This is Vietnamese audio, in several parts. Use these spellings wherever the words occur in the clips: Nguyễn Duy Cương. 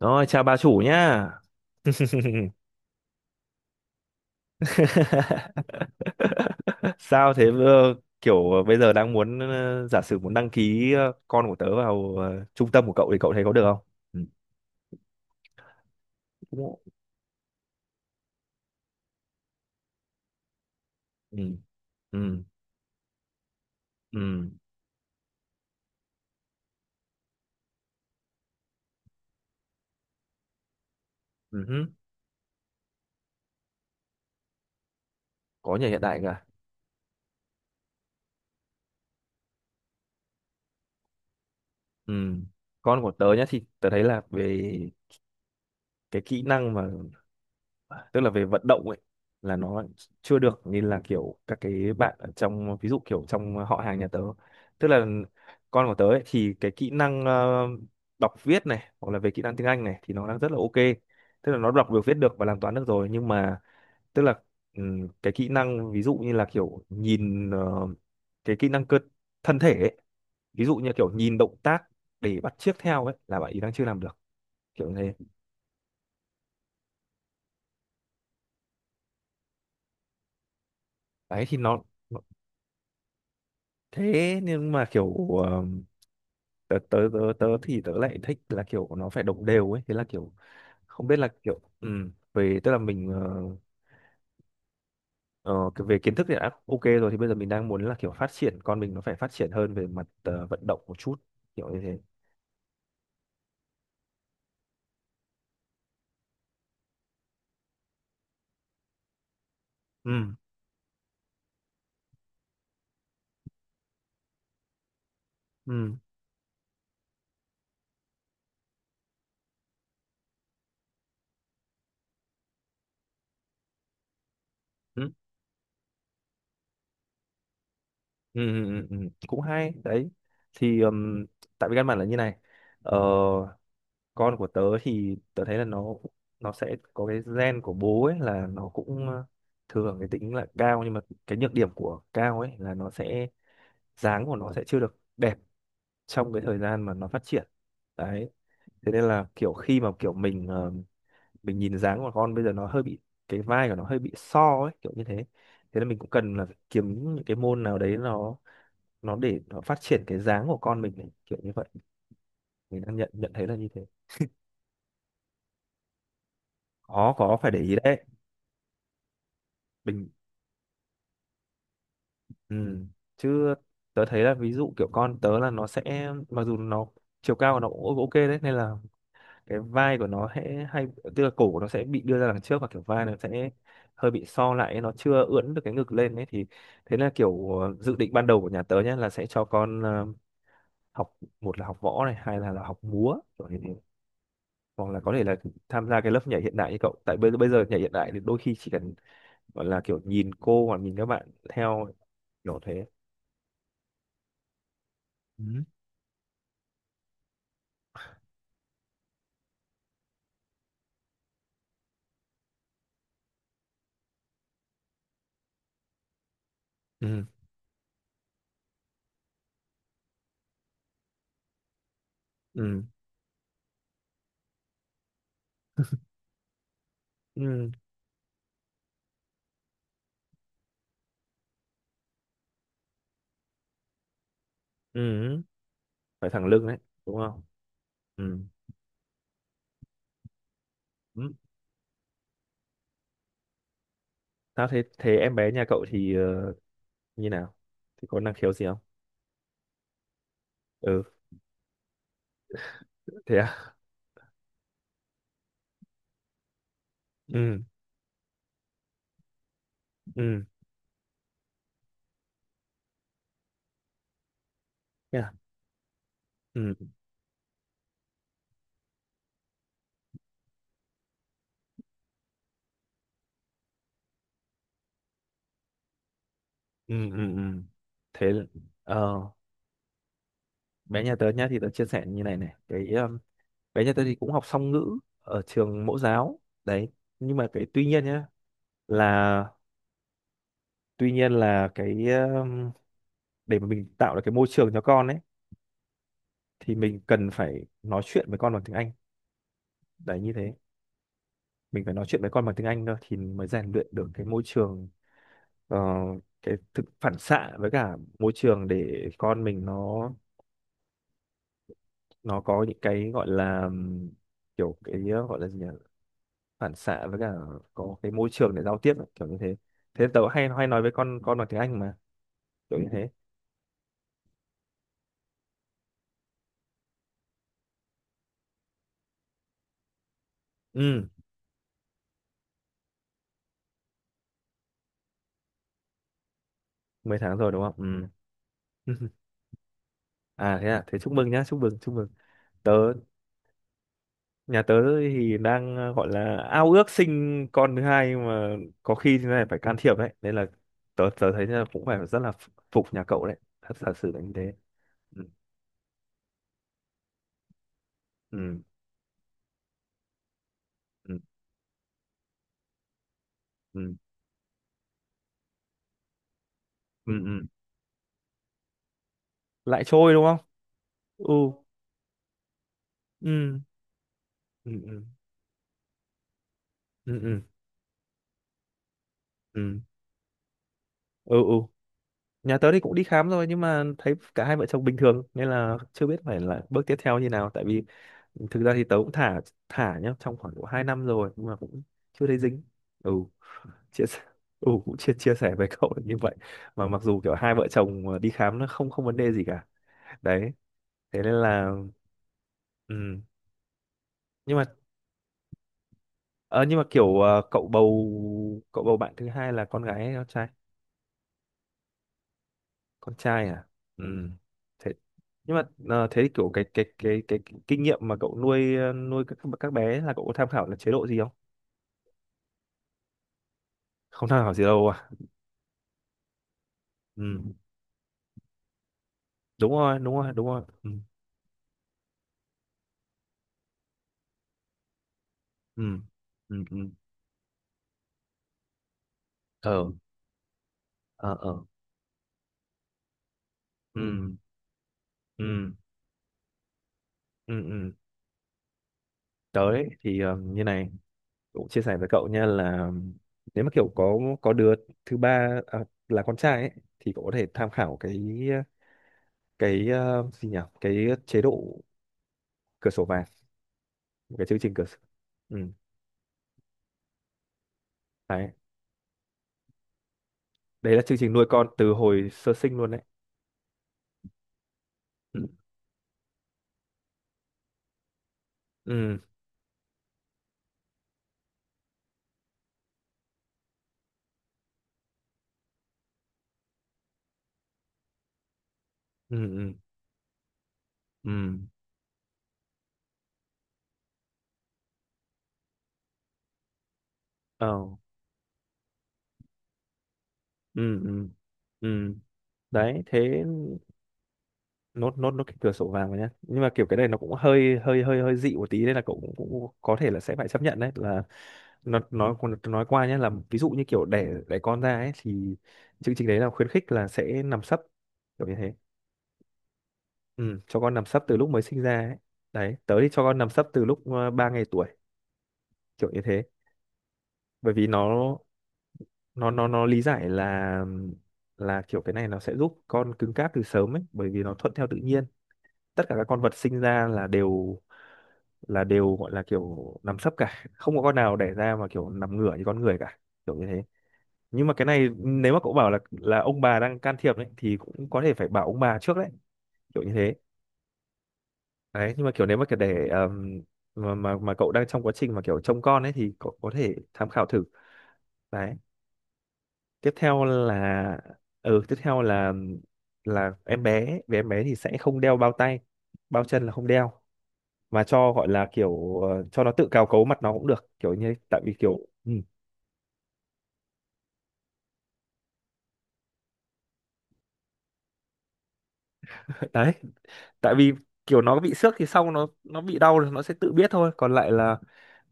Rồi, chào bà chủ nhá. Sao thế kiểu bây giờ đang muốn giả sử muốn đăng ký con của tớ vào trung tâm của cậu thì cậu thấy có được không? Ừ. Cũng- Ừ. Ừ. Ừ. Ừ. Hứ. Có nhà hiện đại cả. Ừ. Con của tớ nhá, thì tớ thấy là về cái kỹ năng mà, tức là về vận động ấy, là nó chưa được như là kiểu các cái bạn ở trong, ví dụ kiểu trong họ hàng nhà tớ, tức là con của tớ ấy, thì cái kỹ năng đọc viết này hoặc là về kỹ năng tiếng Anh này thì nó đang rất là ok, tức là nó đọc được viết được và làm toán được rồi. Nhưng mà tức là cái kỹ năng ví dụ như là kiểu nhìn cái kỹ năng cơ thân thể ấy, ví dụ như kiểu nhìn động tác để bắt chước theo ấy là bạn ý đang chưa làm được, kiểu như thế. Đấy thì nó- thế nhưng mà kiểu ờ, tớ thì tớ lại thích là kiểu nó phải đồng đều ấy, thế là kiểu không biết là kiểu về tức là mình về kiến thức thì đã ok rồi, thì bây giờ mình đang muốn là kiểu phát triển con mình nó phải phát triển hơn về mặt vận động một chút, kiểu như thế. Ừ, ừ, ừ, ừ, ừ, ừ, ừ. Cũng hay đấy. Thì tại vì căn bản là như này. ờ, con của tớ thì tớ thấy là nó sẽ có cái gen của bố ấy, là nó cũng thường cái tính là cao, nhưng mà cái nhược điểm của cao ấy là nó sẽ, dáng của nó sẽ chưa được đẹp trong cái thời gian mà nó phát triển. Đấy thế nên là kiểu khi mà kiểu mình mình nhìn dáng của con bây giờ nó hơi bị, cái vai của nó hơi bị so ấy, kiểu như thế. Thế nên mình cũng cần là kiếm những cái môn nào đấy nó để nó phát triển cái dáng của con mình ấy, kiểu như vậy. Mình đang nhận nhận thấy là như thế. Có phải để ý đấy. Mình. Ừ. Chứ tớ thấy là ví dụ kiểu con tớ là nó sẽ, mặc dù nó chiều cao của nó cũng ok đấy, nên là cái vai của nó sẽ hay, tức là cổ của nó sẽ bị đưa ra đằng trước, và kiểu vai nó sẽ hơi bị so lại, nó chưa ưỡn được cái ngực lên ấy. Thì thế là kiểu dự định ban đầu của nhà tớ nhé là sẽ cho con học, một là học võ này, hai là học múa, kiểu như thế. Hoặc là có thể là tham gia cái lớp nhảy hiện đại như cậu, tại bây bây giờ nhảy hiện đại thì đôi khi chỉ cần gọi là kiểu nhìn cô hoặc nhìn các bạn theo, kiểu thế. Ừ. Ừ, ừ, ừ, ừ, phải thẳng lưng đấy, đúng không? Ừ. Ừ. Sao thế, thế em bé nhà cậu thì như nào, thì có năng khiếu gì không? Ừ. Thế à? Ừ. Ừ. Thế à? Ừ. Ừ. Ừ. Ừ. Thế. ờ Bé nhà tớ nhá, thì tớ chia sẻ như này, này cái bé nhà tớ thì cũng học song ngữ ở trường mẫu giáo đấy. Nhưng mà cái tuy nhiên nhá, là tuy nhiên là cái để mà mình tạo được cái môi trường cho con ấy, thì mình cần phải nói chuyện với con bằng tiếng Anh, đấy như thế. Mình phải nói chuyện với con bằng tiếng Anh thôi, thì mới rèn luyện được cái môi trường ờ, cái thực phản xạ với cả môi trường, để con mình nó có những cái gọi là kiểu cái gọi là gì nhỉ, phản xạ với cả có cái môi trường để giao tiếp ấy, kiểu như thế. Thế tớ hay hay nói với con bằng tiếng Anh mà, kiểu như thế. Ừ, 10 tháng rồi đúng không? Ừ. À thế à? Thế chúc mừng nhá, chúc mừng, chúc mừng. Tớ, nhà tớ thì đang gọi là ao ước sinh con thứ hai, nhưng mà có khi thế này phải can thiệp đấy, nên là tớ tớ thấy là cũng phải rất là phục nhà cậu đấy, thật thật sự là như thế. Ừ, ừ, ừ, ừ, ừ, ừ, lại trôi đúng không? Ừ, ừ, ừ, ừ, ừ, ừ, ừ. Ừ, ừ. Nhà tớ thì cũng đi khám rồi, nhưng mà thấy cả hai vợ chồng bình thường nên là chưa biết phải là bước tiếp theo như nào. Tại vì thực ra thì tớ cũng thả, thả nhá, trong khoảng độ 2 năm rồi nhưng mà cũng chưa thấy dính. Ừ, chia sẻ. Ừ, cũng chia chia sẻ với cậu là như vậy. Mà mặc dù kiểu hai vợ chồng đi khám nó không không vấn đề gì cả. Đấy thế nên là. Ừ. nhưng mà Ờ, nhưng mà kiểu cậu bầu bạn thứ hai là con gái hay con trai? Con trai à? Ừ. Thế nhưng mà thế thì kiểu cái kinh nghiệm mà cậu nuôi nuôi các bé ấy, là cậu có tham khảo là chế độ gì không? Không tham khảo gì đâu à? Ừ. Đúng rồi, đúng rồi, đúng rồi. Ừ. Ừ. Ừ. Ừ. Ờ, ờ, ờ. Ừ. Ừ. Ừ. Ừ. Tới thì như này, cũng chia sẻ với cậu nha là nếu mà kiểu có đứa thứ ba à, là con trai ấy, thì cậu có thể tham khảo cái gì nhỉ, cái chế độ cửa sổ vàng, một cái chương trình cửa sổ. Ừ. Đấy, đấy là chương trình nuôi con từ hồi sơ sinh luôn đấy. Ừ, ừ, ừ, ừ, ừ, ờ, ừ, ừ, ừ. Đấy thế, nốt nốt nốt cái cửa sổ vàng vào nhá, nhưng mà kiểu cái này nó cũng hơi hơi hơi hơi dị một tí nên là cậu cũng, cũng có thể là sẽ phải chấp nhận đấy, là nó nói qua nhé, là ví dụ như kiểu đẻ đẻ con ra ấy thì chương trình đấy là khuyến khích là sẽ nằm sấp, kiểu như thế. Ừ, cho con nằm sấp từ lúc mới sinh ra ấy. Đấy, tớ thì cho con nằm sấp từ lúc 3 ngày tuổi, kiểu như thế. Bởi vì nó lý giải là kiểu cái này nó sẽ giúp con cứng cáp từ sớm ấy, bởi vì nó thuận theo tự nhiên. Tất cả các con vật sinh ra là đều gọi là kiểu nằm sấp cả, không có con nào đẻ ra mà kiểu nằm ngửa như con người cả, kiểu như thế. Nhưng mà cái này nếu mà cậu bảo là ông bà đang can thiệp đấy thì cũng có thể phải bảo ông bà trước đấy, kiểu như thế. Đấy, nhưng mà kiểu nếu mà kiểu để mà cậu đang trong quá trình mà kiểu trông con ấy, thì cậu có thể tham khảo thử. Đấy. Tiếp theo là Tiếp theo là em bé, về em bé thì sẽ không đeo bao tay, bao chân là không đeo, mà cho gọi là kiểu cho nó tự cào cấu mặt nó cũng được, kiểu như, tại vì kiểu đấy, tại vì kiểu nó bị xước thì sau nó bị đau là nó sẽ tự biết thôi, còn lại là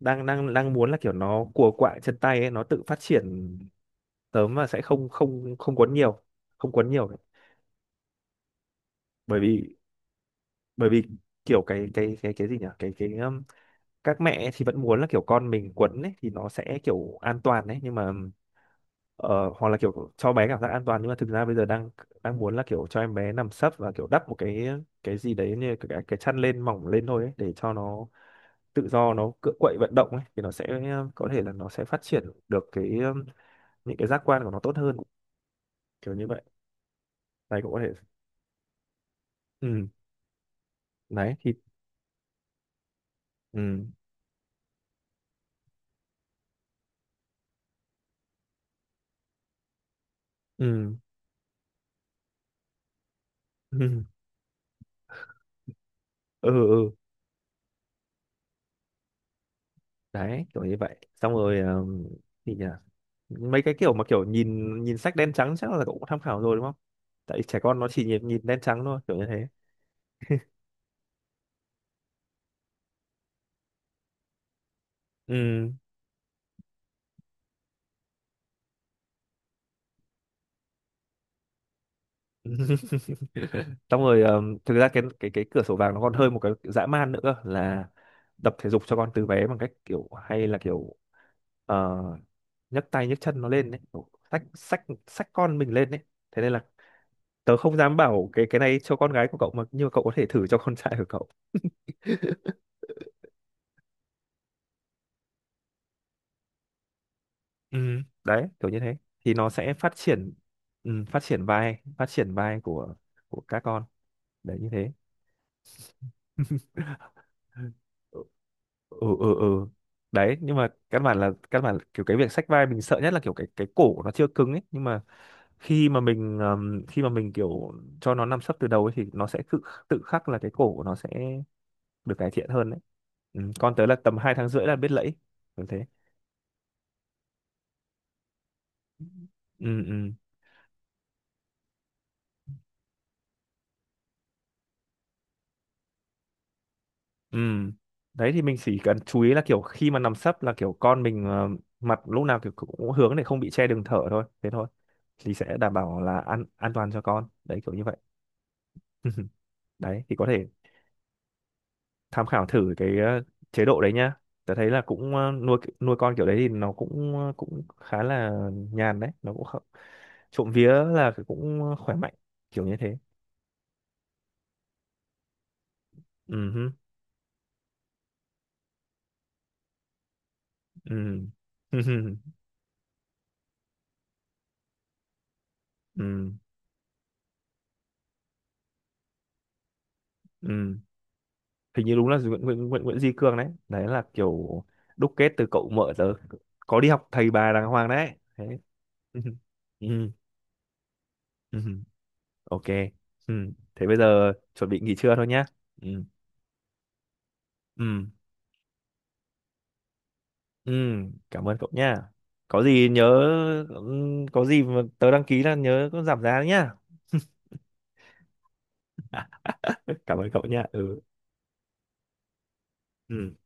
đang đang đang muốn là kiểu nó cùa quạng chân tay ấy nó tự phát triển. Tớ mà sẽ không không không quấn nhiều, không quấn nhiều đấy. bởi vì bởi vì kiểu cái gì nhỉ, cái các mẹ thì vẫn muốn là kiểu con mình quấn ấy thì nó sẽ kiểu an toàn đấy, nhưng mà ờ, hoặc là kiểu cho bé cảm giác an toàn, nhưng mà thực ra bây giờ đang đang muốn là kiểu cho em bé nằm sấp, và kiểu đắp một cái gì đấy như cái chăn lên, mỏng lên thôi ấy, để cho nó tự do, nó cựa quậy vận động ấy, thì nó sẽ có thể là nó sẽ phát triển được cái những cái giác quan của nó tốt hơn, kiểu như vậy. Này cũng có thể. Ừ. Đấy thì. Ừ, ừ. Ừ, ừ, ừ. Đấy, kiểu như vậy. Xong rồi thì nhỉ, mấy cái kiểu mà kiểu nhìn nhìn sách đen trắng chắc là cậu cũng tham khảo rồi đúng không? Tại trẻ con nó chỉ nhìn nhìn đen trắng thôi, kiểu như thế. Ừ. Xong rồi thực ra cái cửa sổ vàng nó còn hơi một cái dã man nữa cơ, là tập thể dục cho con từ bé, bằng cách kiểu hay là kiểu ờ, nhấc tay nhấc chân nó lên đấy, kiểu xách xách xách con mình lên đấy. Thế nên là tớ không dám bảo cái này cho con gái của cậu mà, nhưng mà cậu có thể thử cho con trai của cậu. Ừ, đấy kiểu như thế thì nó sẽ phát triển. Ừ, phát triển vai của các con, đấy như thế. Ừ, ừ, ừ, ừ. Đấy nhưng mà căn bản là kiểu cái việc xách vai mình sợ nhất là kiểu cái cổ của nó chưa cứng ấy, nhưng mà khi mà mình kiểu cho nó nằm sấp từ đầu ấy, thì nó sẽ tự tự khắc là cái cổ của nó sẽ được cải thiện hơn đấy. Ừ, con tới là tầm 2,5 tháng là biết lẫy, kiểu thế. Ừ, ừ, ừ. Đấy thì mình chỉ cần chú ý là kiểu khi mà nằm sấp là kiểu con mình mặt lúc nào kiểu cũng hướng để không bị che đường thở thôi, thế thôi thì sẽ đảm bảo là an toàn cho con đấy, kiểu như vậy. Đấy thì có thể tham khảo thử cái chế độ đấy nhá. Tớ thấy là cũng nuôi nuôi con kiểu đấy thì nó cũng cũng khá là nhàn đấy, nó cũng không, trộm vía là cũng khỏe mạnh, kiểu như thế. Ừ, ừ, ừ. Ừ, ừ, hình như đúng là Nguyễn Duy Cương đấy, đấy là kiểu đúc kết từ cậu mợ tớ có đi học thầy bà đàng hoàng đấy. Thế. Ừ. Ừ. Ok. Ừ. Thế bây giờ chuẩn bị nghỉ trưa thôi nhá. Ừ. Ừ. Ừ. Cảm ơn cậu nhá, có gì nhớ. Ừ, có gì mà tớ đăng ký là nhớ có giảm giá đấy nhá. Cảm ơn cậu nhá. Ừ. Ừ.